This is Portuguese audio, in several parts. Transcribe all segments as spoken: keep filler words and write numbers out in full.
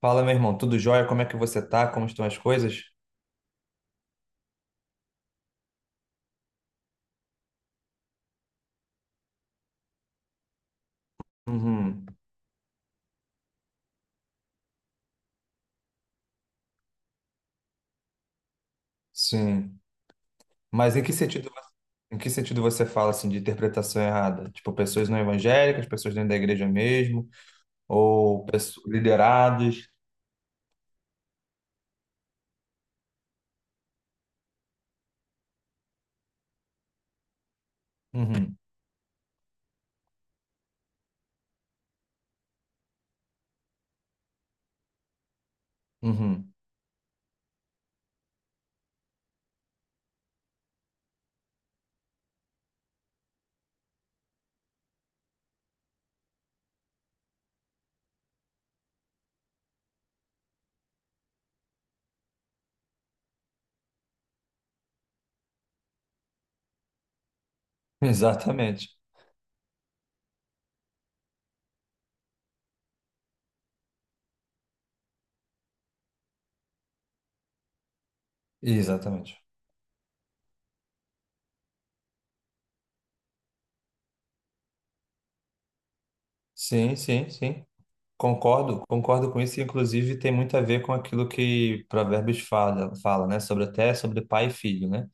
Fala, meu irmão, tudo jóia? Como é que você tá? Como estão as coisas? Uhum, sim. Mas em que sentido, em que sentido você fala assim de interpretação errada? Tipo, pessoas não evangélicas, pessoas dentro da igreja mesmo, ou pesso- liderados? Uhum, uhum. Exatamente. Exatamente. Sim, sim, sim. Concordo, concordo com isso. e, Inclusive, tem muito a ver com aquilo que Provérbios fala, fala, né? Sobre até sobre pai e filho, né?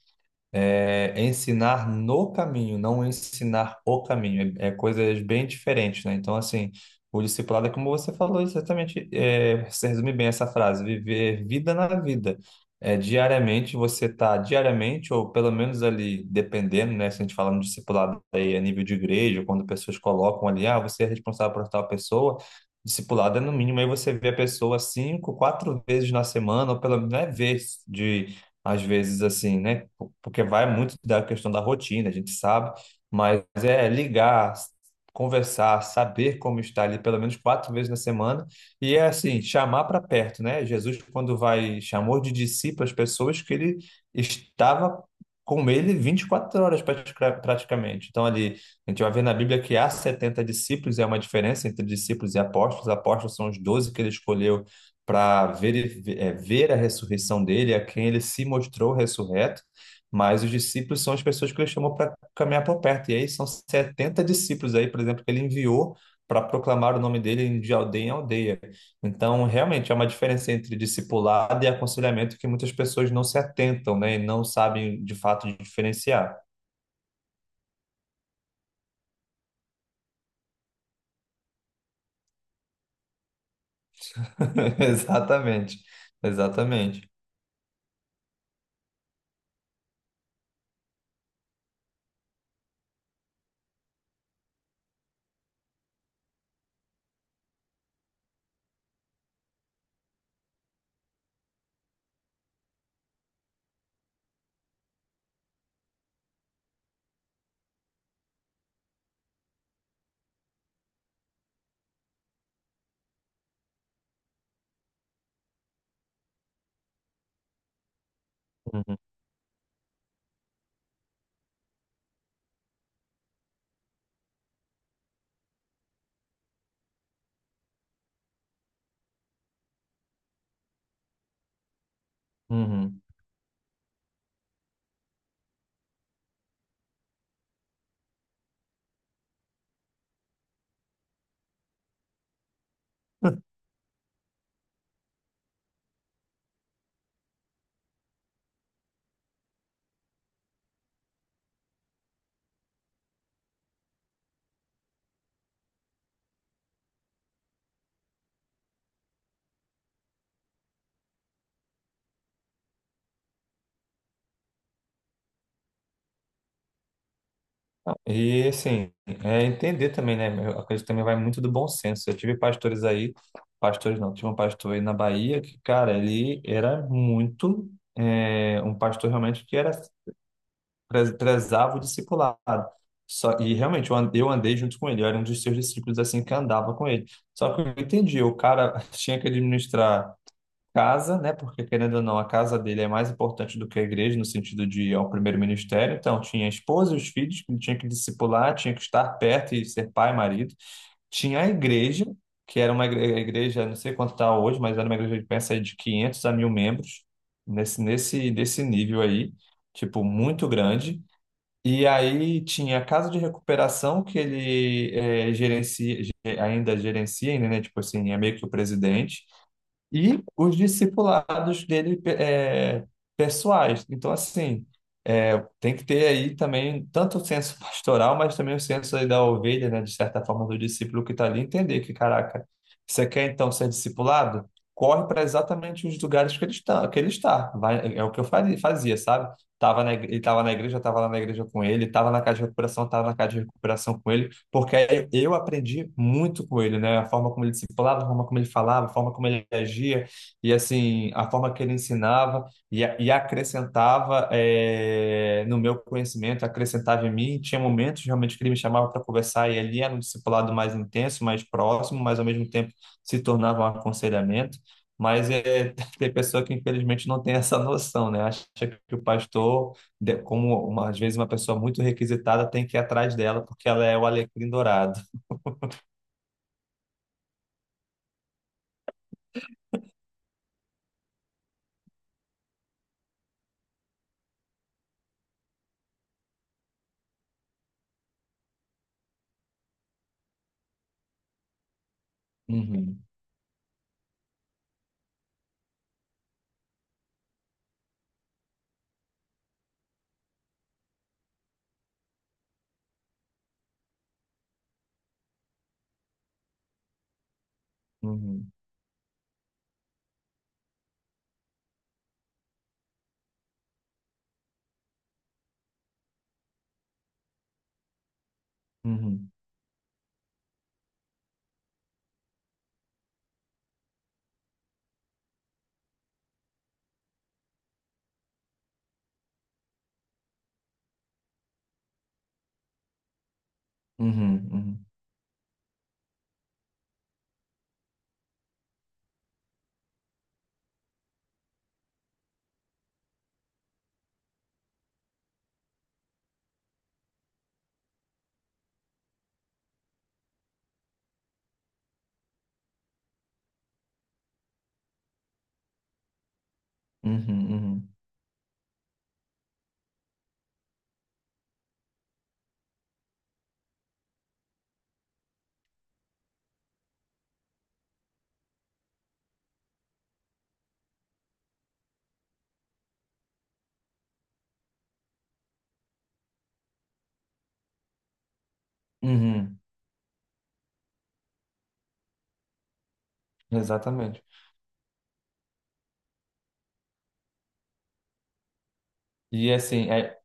É ensinar no caminho, não ensinar o caminho. É, é coisas bem diferentes, né? Então, assim, o discipulado é como você falou exatamente, é, você resume bem essa frase, viver vida na vida. É, diariamente, você está diariamente, ou pelo menos ali, dependendo, né? Se a gente fala no discipulado aí a nível de igreja, quando pessoas colocam ali, ah, você é responsável por tal pessoa, discipulado é no mínimo, aí você vê a pessoa cinco, quatro vezes na semana, ou pelo menos, não é vez de às vezes assim, né? Porque vai muito da questão da rotina, a gente sabe, mas é ligar, conversar, saber como está ali pelo menos quatro vezes na semana e é assim, chamar para perto, né? Jesus, quando vai, chamou de discípulos pessoas que ele estava com ele vinte e quatro horas pratica- praticamente. Então ali, a gente vai ver na Bíblia que há setenta discípulos, é uma diferença entre discípulos e apóstolos. Apóstolos são os doze que ele escolheu para ver, é, ver a ressurreição dele, a quem ele se mostrou ressurreto, mas os discípulos são as pessoas que ele chamou para caminhar por perto. E aí são setenta discípulos aí, por exemplo, que ele enviou para proclamar o nome dele de aldeia em aldeia. Então, realmente, há uma diferença entre discipulado e aconselhamento que muitas pessoas não se atentam, né, e não sabem de fato diferenciar. Exatamente, exatamente. Uhum, uhum. E assim, é entender também, né? Eu acredito que também vai muito do bom senso. Eu tive pastores aí, pastores não, tive um pastor aí na Bahia que, cara, ele era muito, é, um pastor realmente que era, pre- prezava o discipulado. Só, e realmente eu an- eu andei junto com ele, eu era um dos seus discípulos assim que andava com ele. Só que eu entendi, o cara tinha que administrar casa, né? Porque querendo ou não, a casa dele é mais importante do que a igreja no sentido de ao primeiro ministério. Então, tinha a esposa e os filhos que ele tinha que discipular, tinha que estar perto e ser pai e marido. Tinha a igreja, que era uma igre- igreja, não sei quanto está hoje, mas era uma igreja de pensa aí de quinhentos a mil membros, nesse nesse desse nível aí, tipo muito grande. E aí tinha a casa de recuperação que ele eh, gerencia, ge- ainda gerencia, ainda, né? Tipo assim, é meio que o presidente e os discipulados dele é, pessoais. Então, assim, é, tem que ter aí também tanto o senso pastoral, mas também o senso aí da ovelha, né, de certa forma, do discípulo que está ali, entender que, caraca, você quer então ser discipulado? Corre para exatamente os lugares que ele está, que ele está. Vai- é o que eu faria- fazia, sabe? Tava na, igre- ele estava na igreja, eu estava lá na igreja com ele, estava na casa de recuperação, estava na casa de recuperação com ele porque aí eu aprendi muito com ele, né? A forma como ele discipulava, a forma como ele falava, a forma como ele agia, e assim, a forma que ele ensinava e, a- e acrescentava eh, no meu conhecimento, acrescentava em mim. Tinha momentos realmente que ele me chamava para conversar, e ali era um discipulado mais intenso, mais próximo, mas ao mesmo tempo se tornava um aconselhamento. Mas é, tem pessoa que infelizmente não tem essa noção, né? Acha que o pastor de- como uma- às vezes uma pessoa muito requisitada tem que ir atrás dela porque ela é o alecrim dourado. Uhum, uhum, uhum, uhum, uhum, uhum, uhum, uhum. Exatamente. E assim, é-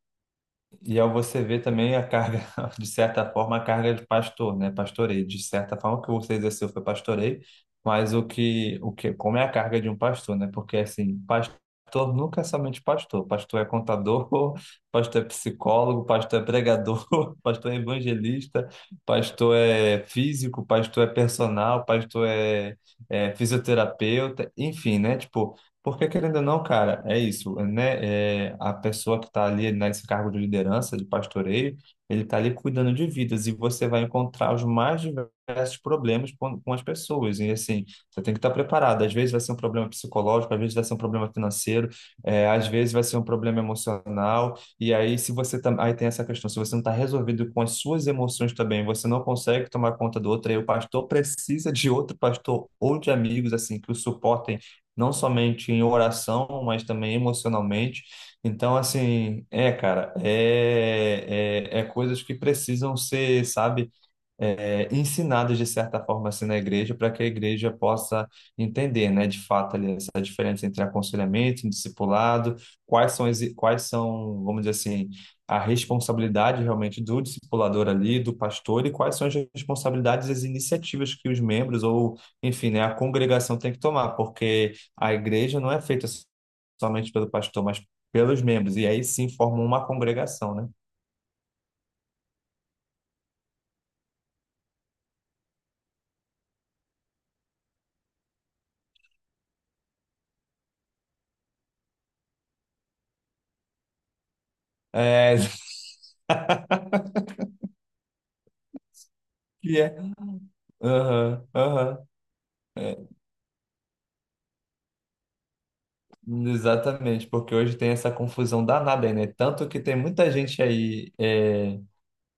e ao você ver também a carga, de certa forma, a carga de pastor, né? Pastoreio, de certa forma, o que você exerceu foi pastoreio, mas o que, o que, como é a carga de um pastor, né? Porque, assim, pastor nunca é somente pastor. Pastor é contador, pastor é psicólogo, pastor é pregador, pastor é evangelista, pastor é físico, pastor é personal, pastor é, é fisioterapeuta, enfim, né? Tipo, porque, querendo ou não, cara, é isso, né? É, a pessoa que está ali né, nesse cargo de liderança, de pastoreio, ele está ali cuidando de vidas e você vai encontrar os mais diversos problemas com, com as pessoas. E, assim, você tem que estar preparado. Às vezes vai ser um problema psicológico, às vezes vai ser um problema financeiro, é, às vezes vai ser um problema emocional. E aí, se você tam... aí tem essa questão, se você não está resolvido com as suas emoções também, você não consegue tomar conta do outro, aí o pastor precisa de outro pastor ou de amigos, assim, que o suportem não somente em oração, mas também emocionalmente. Então, assim, é, cara, é, é, é coisas que precisam ser, sabe? É, ensinados de certa forma assim na igreja, para que a igreja possa entender, né, de fato ali essa diferença entre aconselhamento e discipulado, quais são as, quais são, vamos dizer assim, a responsabilidade realmente do discipulador ali, do pastor e quais são as responsabilidades e as iniciativas que os membros ou, enfim, né, a congregação tem que tomar, porque a igreja não é feita somente pelo pastor, mas pelos membros, e aí sim formam uma congregação, né? É, que é, aham, aham. É. Exatamente, porque hoje tem essa confusão danada aí, né? Tanto que tem muita gente aí, é,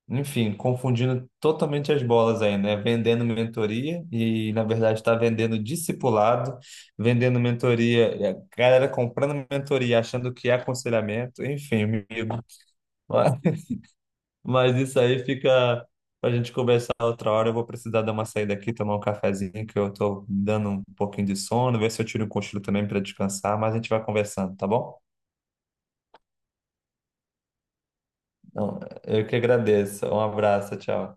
enfim, confundindo totalmente as bolas aí, né? Vendendo mentoria e, na verdade, está vendendo discipulado, vendendo mentoria, e a galera comprando mentoria, achando que é aconselhamento, enfim, amigo. Mas, mas isso aí fica pra gente conversar outra hora. Eu vou precisar dar uma saída aqui, tomar um cafezinho, que eu tô dando um pouquinho de sono, ver se eu tiro um cochilo também para descansar, mas a gente vai conversando, tá bom? Não, eu que agradeço. Um abraço, tchau.